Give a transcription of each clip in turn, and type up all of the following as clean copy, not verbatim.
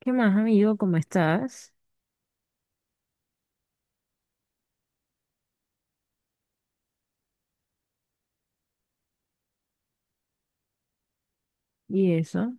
¿Qué más, amigo? ¿Cómo estás? Y eso.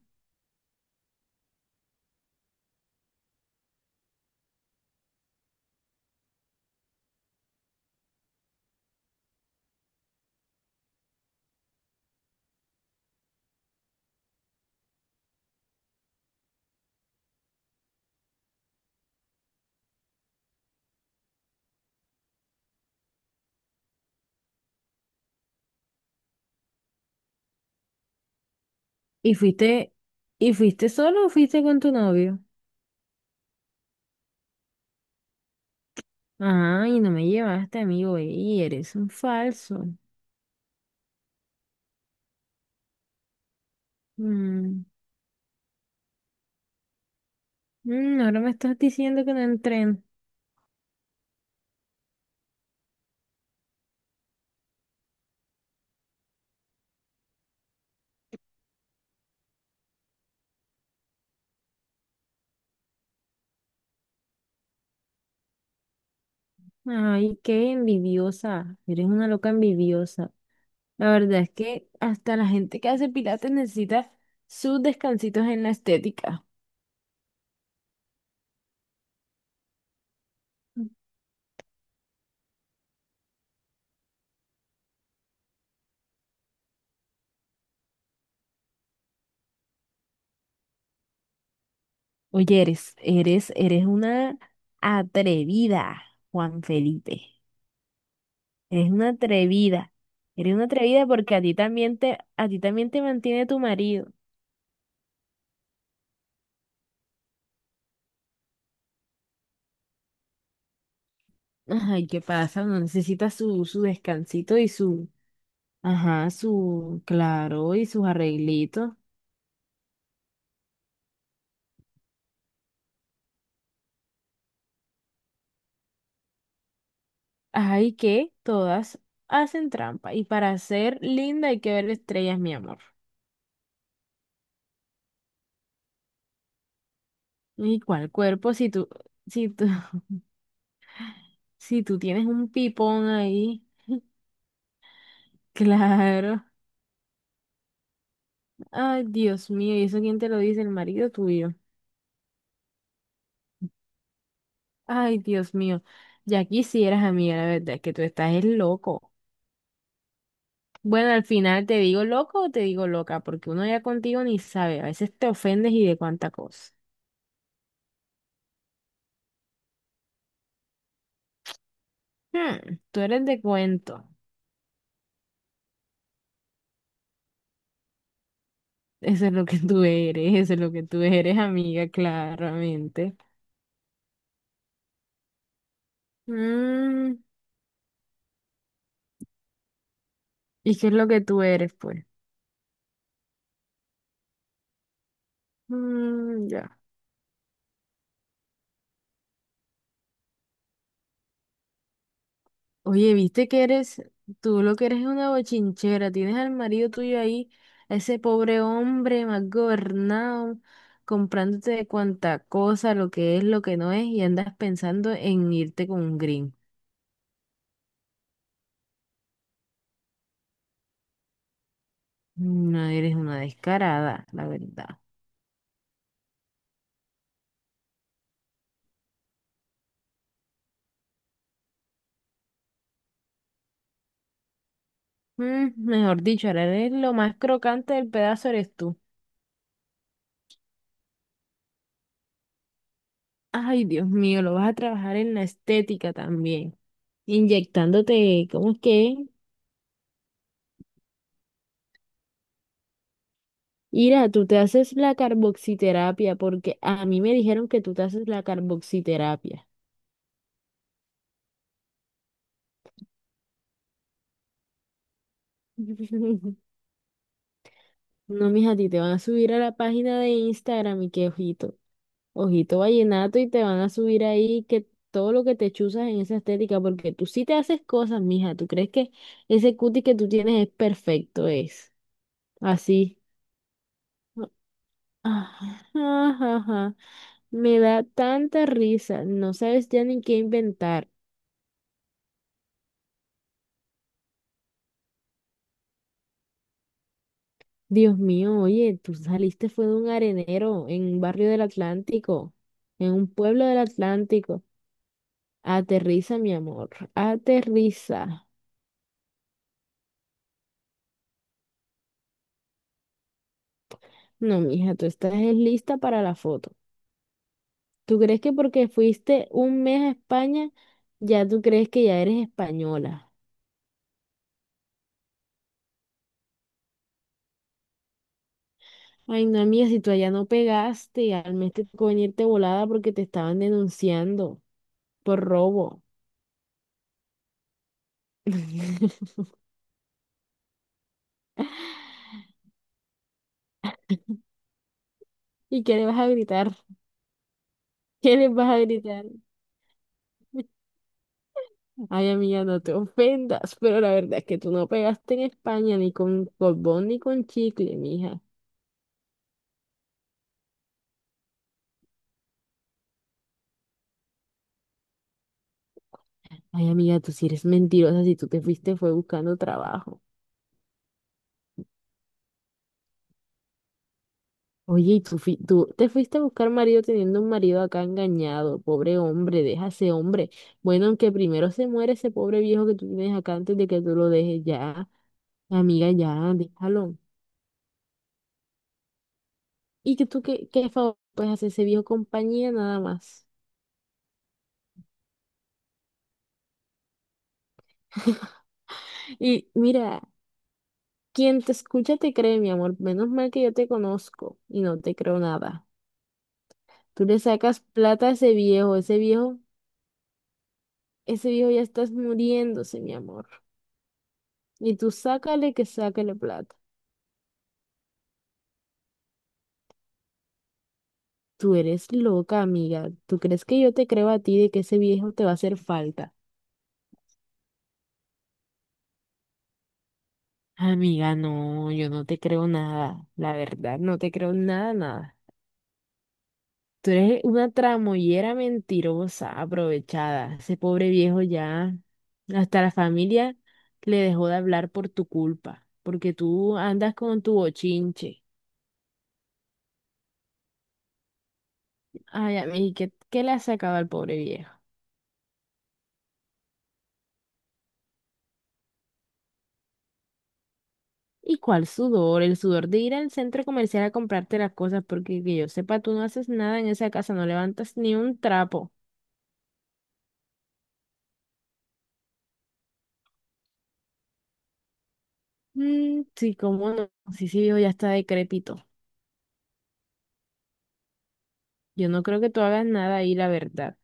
¿Y fuiste, y fuiste solo o fuiste con tu novio? Ah, y no me llevaste, amigo, y eres un falso. Mm, ahora me estás diciendo que no entren. Ay, qué envidiosa. Eres una loca envidiosa. La verdad es que hasta la gente que hace pilates necesita sus descansitos en la estética. Oye, eres una atrevida, Juan Felipe. Eres una atrevida. Eres una atrevida porque a ti también te, a ti también te mantiene tu marido. Ay, ¿qué pasa? Uno necesita su descansito y su, ajá, claro, y sus arreglitos. Ay, que todas hacen trampa. Y para ser linda hay que ver estrellas, mi amor. ¿Y cuál cuerpo si tú, si tú tienes un pipón ahí? Claro. Ay, Dios mío, ¿y eso quién te lo dice? El marido tuyo. Ay, Dios mío, ya quisieras, amiga, la verdad es que tú estás es loco. Bueno, al final te digo loco o te digo loca, porque uno ya contigo ni sabe, a veces te ofendes y de cuánta cosa. Tú eres de cuento, eso es lo que tú eres, eso es lo que tú eres, amiga, claramente. Mm, ¿y qué es lo que tú eres, pues? Mm, ya. Oye, viste que eres, tú lo que eres es una bochinchera, tienes al marido tuyo ahí, a ese pobre hombre mal gobernado, comprándote de cuanta cosa, lo que es, lo que no es, y andas pensando en irte con un green. No eres una descarada, la verdad. Mm, mejor dicho, ahora eres lo más crocante del pedazo eres tú. Ay, Dios mío, lo vas a trabajar en la estética también, inyectándote, ¿cómo es que? ¿Es? Ira, tú te haces la carboxiterapia porque a mí me dijeron que tú te haces la carboxiterapia. No, mija, a ti te van a subir a la página de Instagram y que ojito, ojito vallenato y te van a subir ahí que todo lo que te chuzas en esa estética porque tú sí te haces cosas, mija. ¿Tú crees que ese cuti que tú tienes es perfecto? Es así. Ah, ajá, ajá. Me da tanta risa, no sabes ya ni qué inventar. Dios mío, oye, tú saliste fue de un arenero en un barrio del Atlántico, en un pueblo del Atlántico. Aterriza, mi amor, aterriza. No, mija, tú estás es lista para la foto. ¿Tú crees que porque fuiste un mes a España, ya tú crees que ya eres española? Ay, no, amiga, si tú allá no pegaste, al mes te tocó venirte volada porque te estaban denunciando por robo. ¿Y qué le vas a gritar? ¿Qué les vas a gritar? Ay, amiga, no te ofendas, pero la verdad es que tú no pegaste en España ni con colbón ni con chicle, mija. Ay, amiga, tú sí eres mentirosa, si tú te fuiste fue buscando trabajo. Oye, y tú, tú te fuiste a buscar marido teniendo un marido acá engañado, pobre hombre, deja a ese hombre. Bueno, aunque primero se muere ese pobre viejo que tú tienes acá antes de que tú lo dejes ya, amiga, ya, déjalo. ¿Y que tú qué, favor puedes hacer ese viejo compañía nada más? Y mira. Quien te escucha te cree, mi amor. Menos mal que yo te conozco y no te creo nada. Tú le sacas plata a ese viejo, ya estás muriéndose, mi amor. Y tú sácale que sácale plata. Tú eres loca, amiga. ¿Tú crees que yo te creo a ti de que ese viejo te va a hacer falta? Amiga, no, yo no te creo nada. La verdad, no te creo nada, nada. Tú eres una tramoyera mentirosa, aprovechada. Ese pobre viejo ya, hasta la familia le dejó de hablar por tu culpa, porque tú andas con tu bochinche. Ay, a mí, ¿qué le has sacado al pobre viejo? ¿Y cuál sudor? El sudor de ir al centro comercial a comprarte las cosas, porque que yo sepa, tú no haces nada en esa casa, no levantas ni un trapo. Mm, sí, cómo no. Sí, sí, viejo, ya está decrépito. Yo no creo que tú hagas nada ahí, la verdad.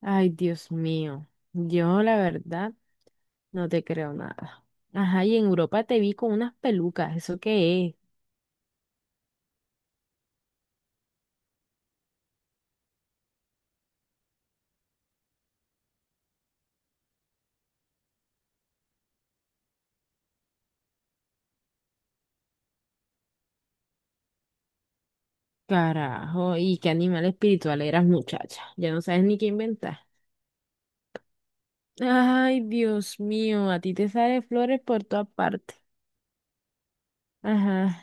Ay, Dios mío, yo la verdad no te creo nada. Ajá, y en Europa te vi con unas pelucas, ¿eso qué es? Carajo, y qué animal espiritual eras, muchacha. Ya no sabes ni qué inventar. Ay, Dios mío, a ti te salen flores por todas partes. Ajá,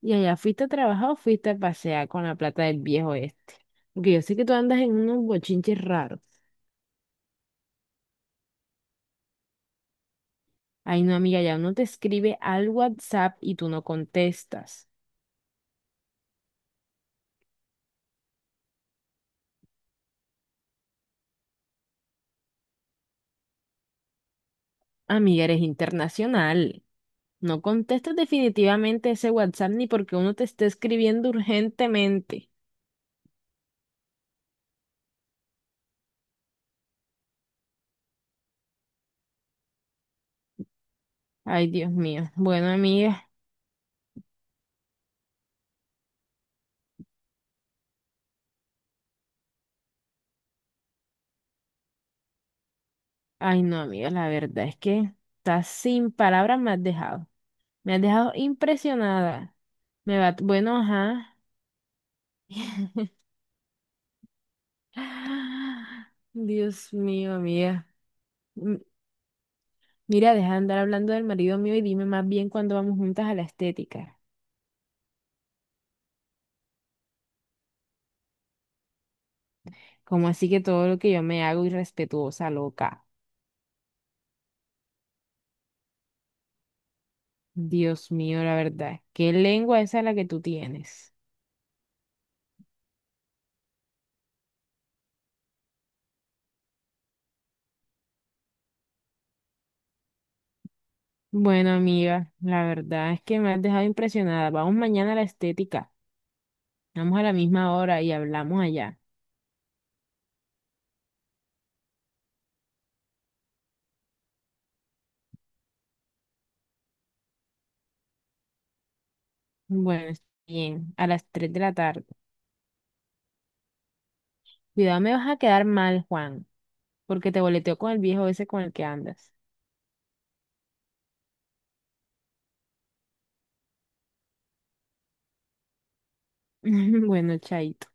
y allá fuiste a trabajar o fuiste a pasear con la plata del viejo este. Porque yo sé que tú andas en unos bochinches raros. Ay, no, amiga, ya uno te escribe al WhatsApp y tú no contestas. Amiga, eres internacional. No contestas definitivamente ese WhatsApp ni porque uno te esté escribiendo urgentemente. Ay, Dios mío. Bueno, amiga. Ay, no, amiga, la verdad es que estás sin palabras, me has dejado. Me has dejado impresionada. Me va, bueno, ajá. Ah, Dios mío, amiga. M- Mira, deja de andar hablando del marido mío y dime más bien cuándo vamos juntas a la estética. Como así que todo lo que yo me hago irrespetuosa, loca. Dios mío, la verdad. ¿Qué lengua esa la que tú tienes? Bueno, amiga, la verdad es que me has dejado impresionada. Vamos mañana a la estética. Vamos a la misma hora y hablamos allá. Bueno, está bien, a las 3 de la tarde. Cuidado, me vas a quedar mal, Juan, porque te boleteo con el viejo ese con el que andas. Bueno, chaito.